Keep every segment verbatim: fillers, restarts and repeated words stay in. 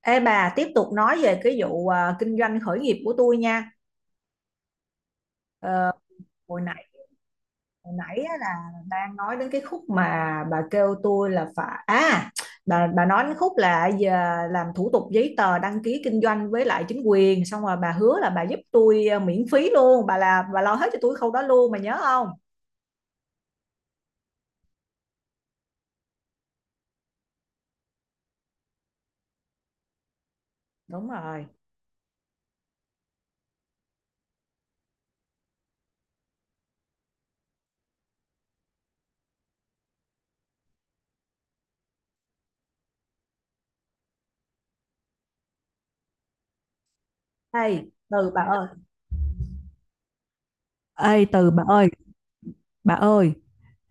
Ê bà tiếp tục nói về cái vụ à, kinh doanh khởi nghiệp của tôi nha. Ờ, hồi nãy hồi nãy á là đang nói đến cái khúc mà bà kêu tôi là phải à bà bà nói đến khúc là giờ làm thủ tục giấy tờ đăng ký kinh doanh với lại chính quyền xong rồi bà hứa là bà giúp tôi à, miễn phí luôn, bà là bà lo hết cho tôi khâu đó luôn bà nhớ không? Đúng rồi. Ê từ bà ơi. Ê từ bà ơi, bà ơi,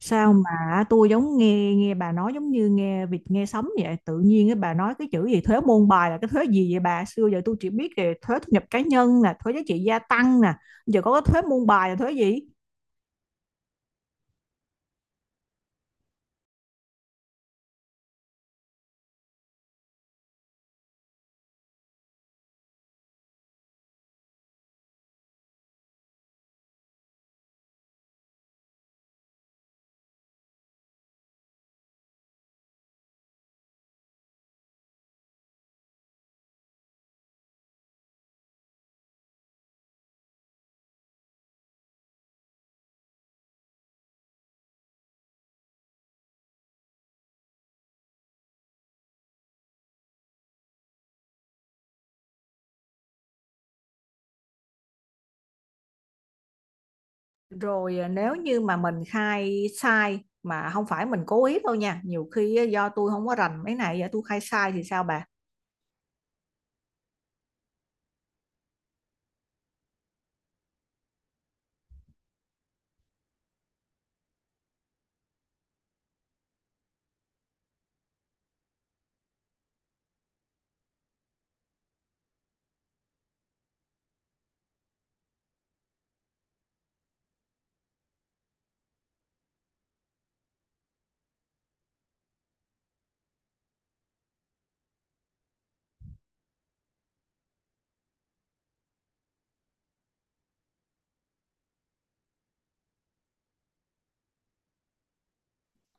sao mà tôi giống nghe nghe bà nói giống như nghe vịt nghe sấm vậy? Tự nhiên cái bà nói cái chữ gì thuế môn bài là cái thuế gì vậy bà? Xưa giờ tôi chỉ biết về thuế thu nhập cá nhân nè, thuế giá trị gia tăng nè, giờ có cái thuế môn bài là thuế gì? Rồi à, nếu như mà mình khai sai mà không phải mình cố ý đâu nha, nhiều khi á, do tôi không có rành mấy này, giờ tôi khai sai thì sao bà?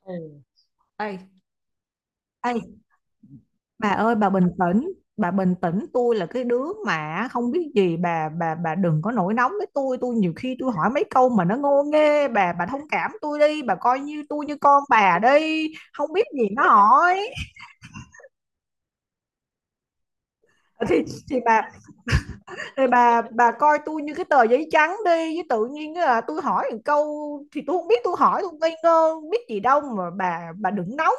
Ừ. Ê, ê bà ơi bà bình tĩnh bà bình tĩnh, tôi là cái đứa mà không biết gì, bà bà bà đừng có nổi nóng với tôi tôi nhiều khi tôi hỏi mấy câu mà nó ngô nghê, bà bà thông cảm tôi đi, bà coi như tôi như con bà đi, không biết gì nó hỏi thì thì bà thì bà bà coi tôi như cái tờ giấy trắng đi, với tự nhiên là tôi hỏi một câu thì tôi không biết, tôi hỏi tôi ngây ngơ không biết gì đâu mà bà bà đừng nóng.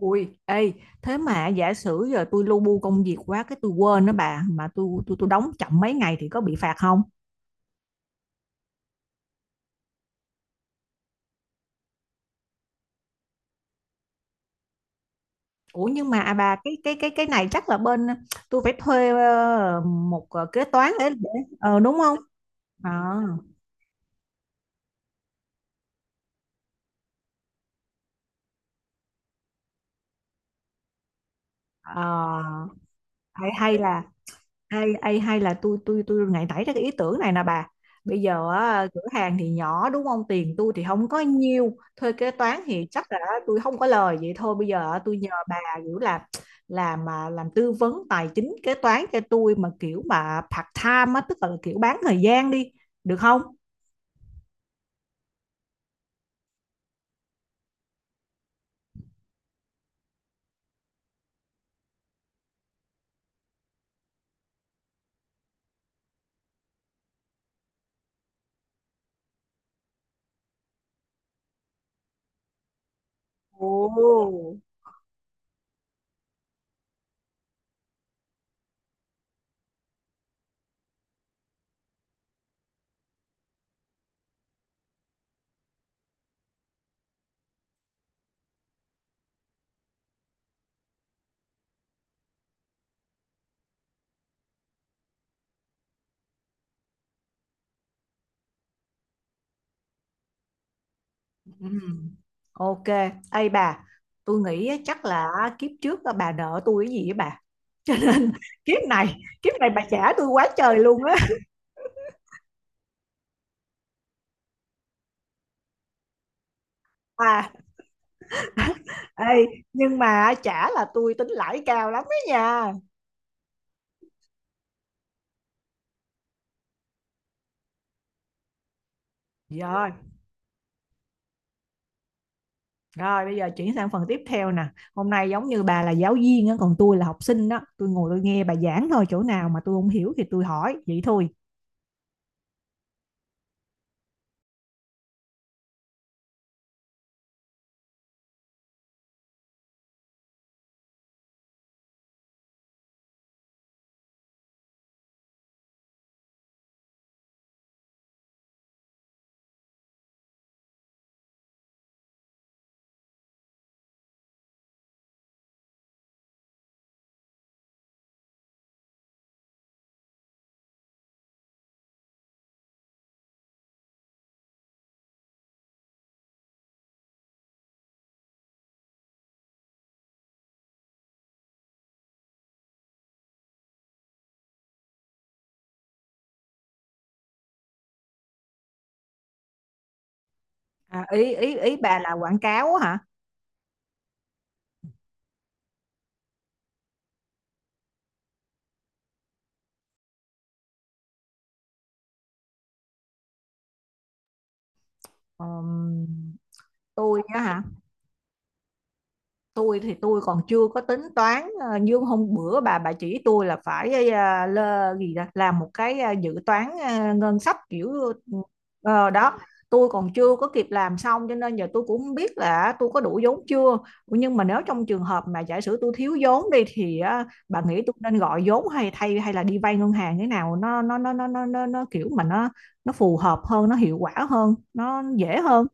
Ui, ê, thế mà giả sử giờ tôi lu bu công việc quá cái tôi quên đó bà, mà tôi tôi tôi đóng chậm mấy ngày thì có bị phạt không? Ủa nhưng mà à bà, cái cái cái cái này chắc là bên ờ, tôi phải thuê ờ, một ờ, kế toán để, để ờ, đúng không? Ờ, ờ, hay hay là ê, ê, hay là tôi tôi tôi ngày nảy ra cái ý tưởng này nè bà, bây giờ á, cửa hàng thì nhỏ đúng không, tiền tôi thì không có nhiêu, thuê kế toán thì chắc là tôi không có lời, vậy thôi bây giờ tôi nhờ bà kiểu là làm mà làm tư vấn tài chính kế toán cho tôi mà kiểu mà part time á, tức là kiểu bán thời gian đi, được không? Ồ. Ừ. OK, ê bà, tôi nghĩ á, chắc là kiếp trước á, bà nợ tôi cái gì á bà, cho nên kiếp này kiếp này bà trả tôi quá trời luôn á. À, ê, nhưng mà chả là tôi tính lãi cao lắm ấy nha. Rồi, rồi bây giờ chuyển sang phần tiếp theo nè. Hôm nay giống như bà là giáo viên á, còn tôi là học sinh đó. Tôi ngồi tôi nghe bà giảng thôi, chỗ nào mà tôi không hiểu thì tôi hỏi, vậy thôi. À, ý ý ý bà là quảng cáo á hả? Ờm, tôi á hả? Tôi thì tôi còn chưa có tính toán ờ, như hôm bữa bà bà chỉ tôi là phải ờ, lơ, gì đó, làm một cái ờ, dự toán ờ, ngân sách kiểu ờ, đó, tôi còn chưa có kịp làm xong cho nên giờ tôi cũng không biết là tôi có đủ vốn chưa, nhưng mà nếu trong trường hợp mà giả sử tôi thiếu vốn đi thì ờ, bà nghĩ tôi nên gọi vốn hay thay hay là đi vay ngân hàng thế nào, nó nó nó nó nó nó, nó kiểu mà nó nó phù hợp hơn, nó hiệu quả hơn, nó dễ hơn.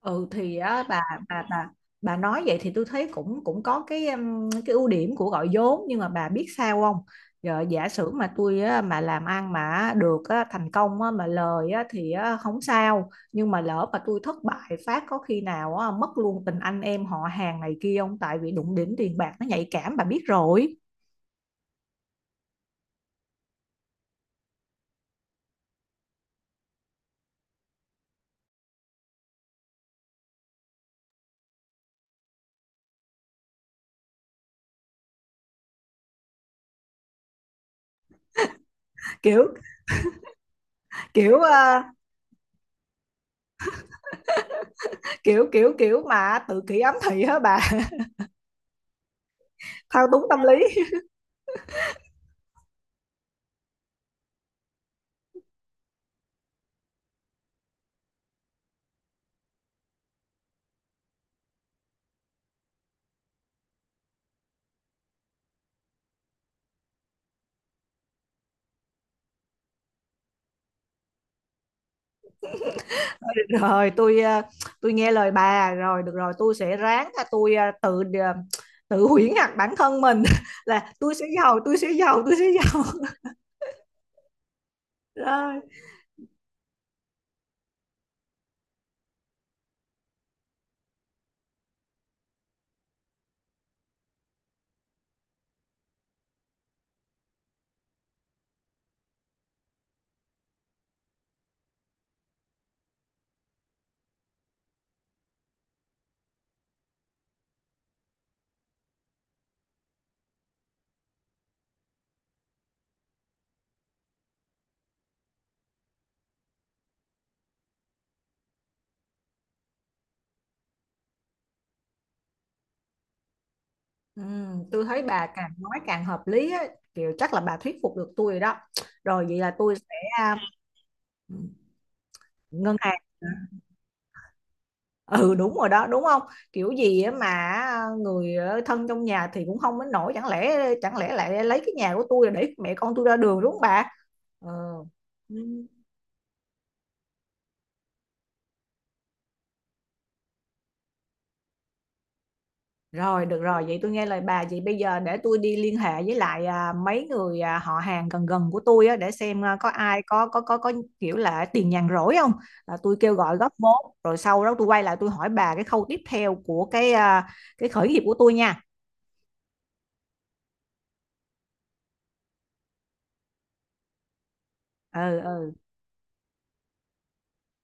Ừ thì á bà, bà bà bà nói vậy thì tôi thấy cũng cũng có cái um, cái ưu điểm của gọi vốn, nhưng mà bà biết sao không, giờ giả sử mà tôi á, mà làm ăn mà được á, thành công á, mà lời á, thì á, không sao, nhưng mà lỡ mà tôi thất bại phát, có khi nào á, mất luôn tình anh em họ hàng này kia không, tại vì đụng đến tiền bạc nó nhạy cảm bà biết rồi. Kiểu kiểu ờ, kiểu kiểu kiểu mà tự kỷ ám thị á bà. Thao túng tâm lý. Được rồi tôi ờ, tôi nghe lời bà rồi, được rồi tôi sẽ ráng là tôi ờ, tự ờ, tự huyễn hoặc bản thân mình là tôi sẽ giàu, tôi sẽ giàu, tôi sẽ giàu. Rồi ừ, tôi thấy bà càng nói càng hợp lý á, kiểu chắc là bà thuyết phục được tôi rồi đó. Rồi vậy là tôi sẽ à, ngân hàng, ừ đúng rồi đó, đúng không, kiểu gì á mà à, người ở thân trong nhà thì cũng không đến nổi, chẳng lẽ chẳng lẽ lại lấy cái nhà của tôi để mẹ con tôi ra đường đúng không bà. Ừ. Rồi, được rồi, vậy tôi nghe lời bà. Vậy bây giờ để tôi đi liên hệ với lại à, mấy người à, họ hàng gần gần của tôi á, để xem à, có ai có có có có kiểu là tiền nhàn rỗi không. Là tôi kêu gọi góp vốn, rồi sau đó tôi quay lại tôi hỏi bà cái khâu tiếp theo của cái à, cái khởi nghiệp của tôi nha. Ừ ừ.